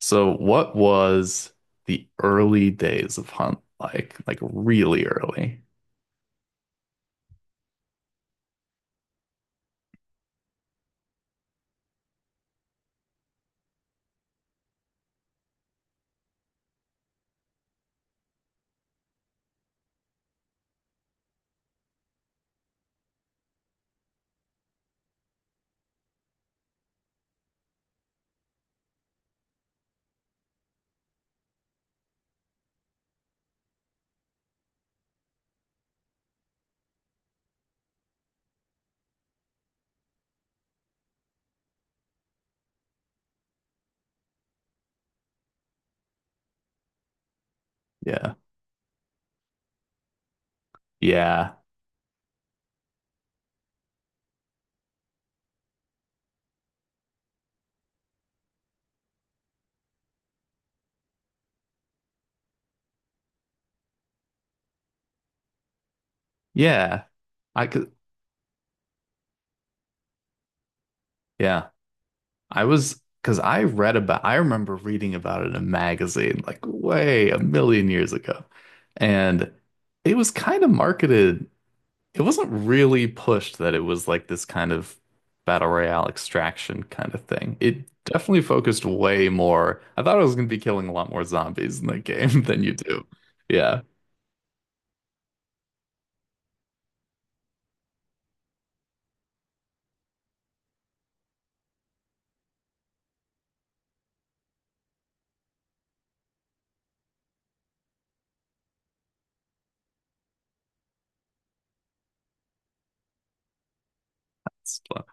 So what was the early days of Hunt like? Like really early. Yeah. Yeah. Yeah. I could yeah. I was because I remember reading about it in a magazine like way a million years ago. And it was kind of marketed it wasn't really pushed that it was like this kind of battle royale extraction kind of thing. It definitely focused way more. I thought I was going to be killing a lot more zombies in the game than you do. Yeah. It's fun.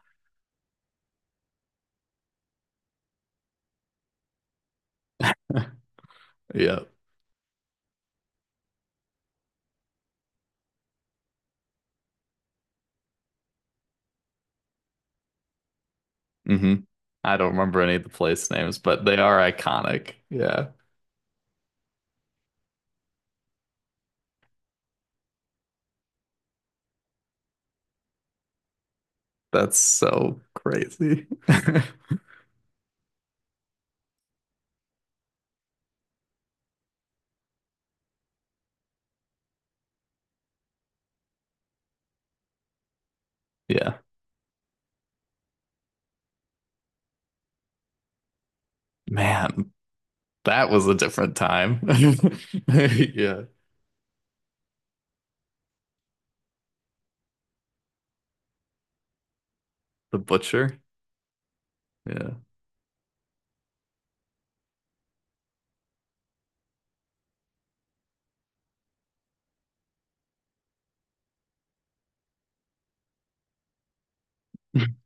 Yeah. hmm I don't remember any of the place names, but they are iconic. Yeah. That's so crazy. Yeah. Man, that was a different time. Yeah. The butcher. Yeah.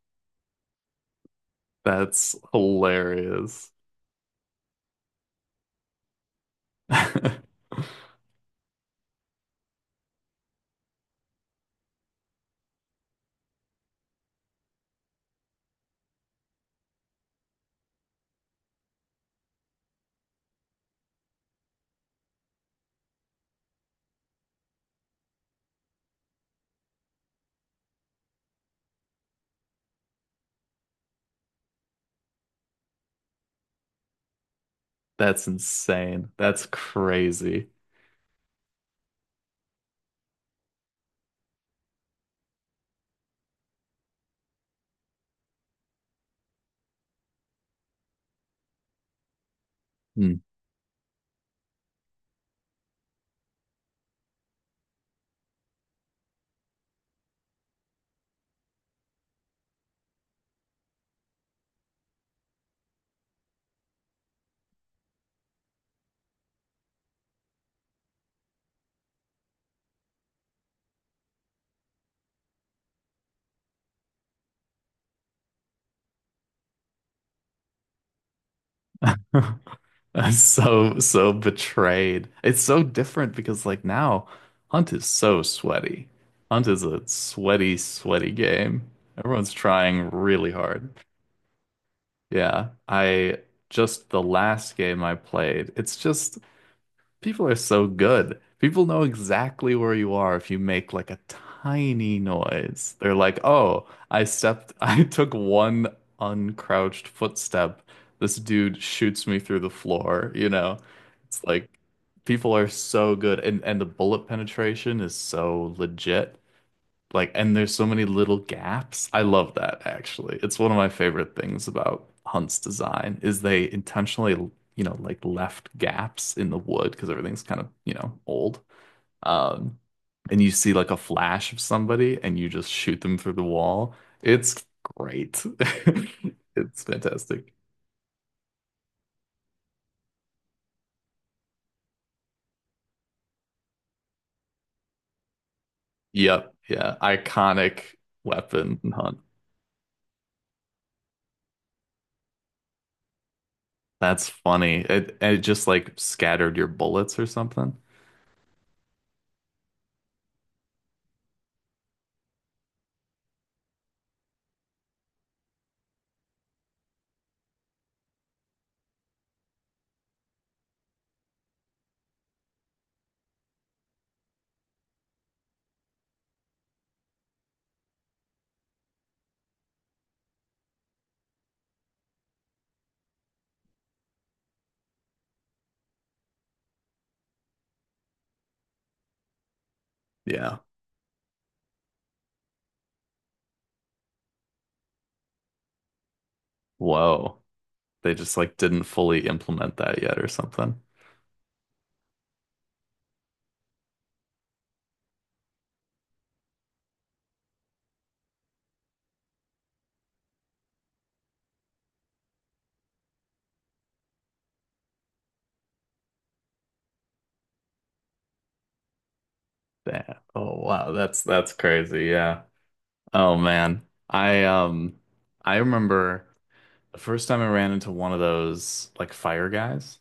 That's hilarious. That's insane. That's crazy. Hmm. I'm so betrayed. It's so different because, now Hunt is so sweaty. Hunt is a sweaty, sweaty game. Everyone's trying really hard. Yeah. The last game I played, people are so good. People know exactly where you are if you make like a tiny noise. They're like, "Oh, I took one uncrouched footstep. This dude shoots me through the floor." It's like people are so good, and the bullet penetration is so legit. Like, and there's so many little gaps. I love that actually. It's one of my favorite things about Hunt's design is they intentionally, like left gaps in the wood because everything's kind of old. Um, and you see like a flash of somebody and you just shoot them through the wall. It's great. It's fantastic. Yep, yeah, iconic weapon in Hunt. That's funny. It just like scattered your bullets or something. Yeah. Whoa. They just like didn't fully implement that yet or something. Damn. Oh wow, that's crazy. Yeah. Oh man. I I remember the first time I ran into one of those like fire guys.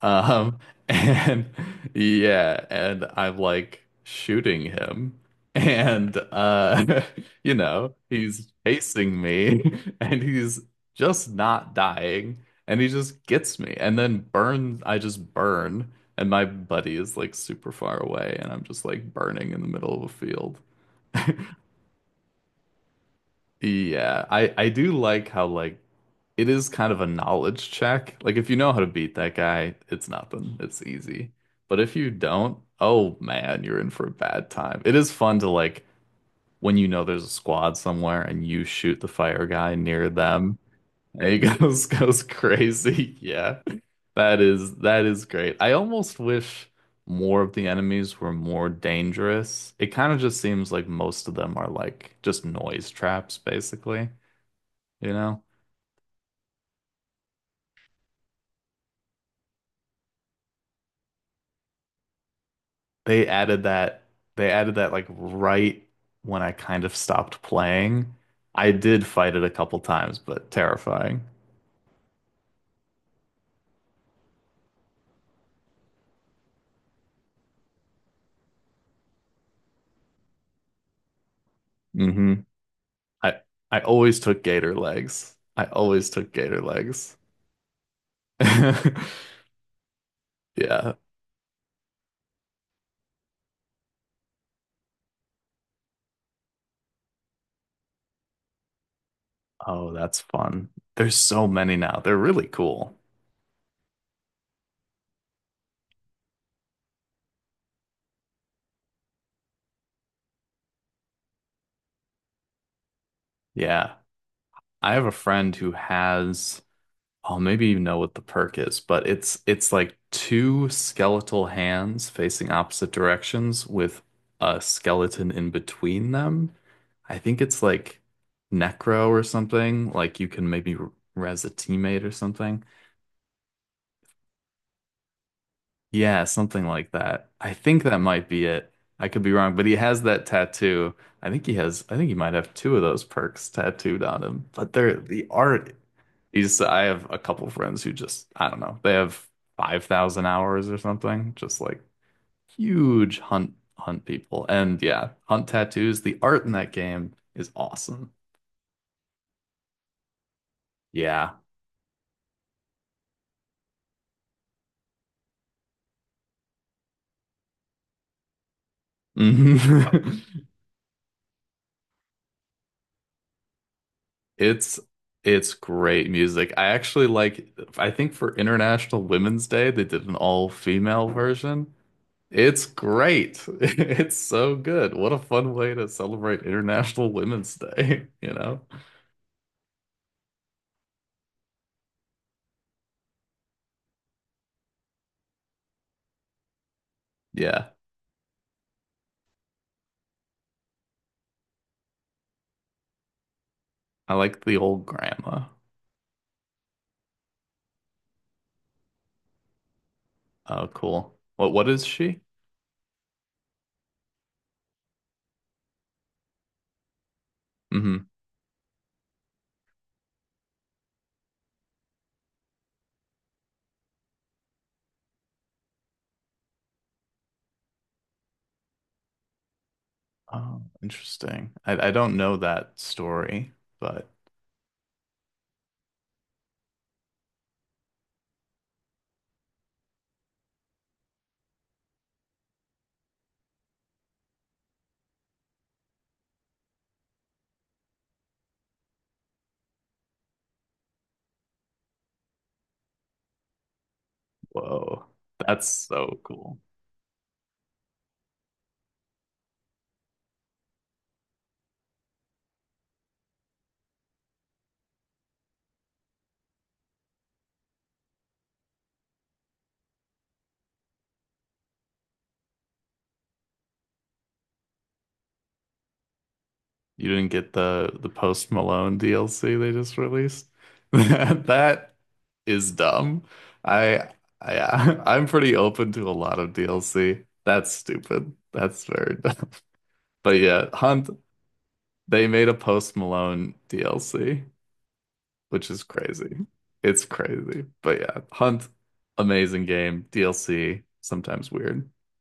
Um, and yeah, and I'm like shooting him. And you know, he's chasing me and he's just not dying. And he just gets me and then burns I just burn. And my buddy is like super far away and I'm just like burning in the middle of a field. Yeah, I do like how like it is kind of a knowledge check. Like if you know how to beat that guy, it's nothing. It's easy. But if you don't, oh man, you're in for a bad time. It is fun to like when you know there's a squad somewhere and you shoot the fire guy near them. And he goes crazy. Yeah. That is great. I almost wish more of the enemies were more dangerous. It kind of just seems like most of them are like just noise traps, basically, you know? They added that they added that like right when I kind of stopped playing. I did fight it a couple times, but terrifying. hmm I I always took gator legs. I always took gator legs. Yeah. Oh, that's fun. There's so many now. They're really cool. Yeah. I have a friend who has. Oh, maybe you know what the perk is, but it's like two skeletal hands facing opposite directions with a skeleton in between them. I think it's like Necro or something. Like you can maybe res a teammate or something. Yeah, something like that. I think that might be it. I could be wrong, but he has that tattoo. I think he might have two of those perks tattooed on him. But they're the art. I have a couple friends who just, I don't know, they have 5,000 hours or something, just like huge hunt people. And yeah, hunt tattoos. The art in that game is awesome. Yeah. Mhm. It's it's great music. I actually I think for International Women's Day they did an all-female version. It's great. It's so good. What a fun way to celebrate International Women's Day, you know? Yeah. I like the old grandma. Oh, cool. What is she? hmm Oh, interesting. I don't know that story, but whoa. That's so cool. You didn't get the Post Malone DLC they just released? That is dumb. I I I'm pretty open to a lot of DLC. That's stupid. That's very dumb. But yeah, Hunt, they made a Post Malone DLC, which is crazy. It's crazy. But yeah, Hunt, amazing game. DLC, sometimes weird.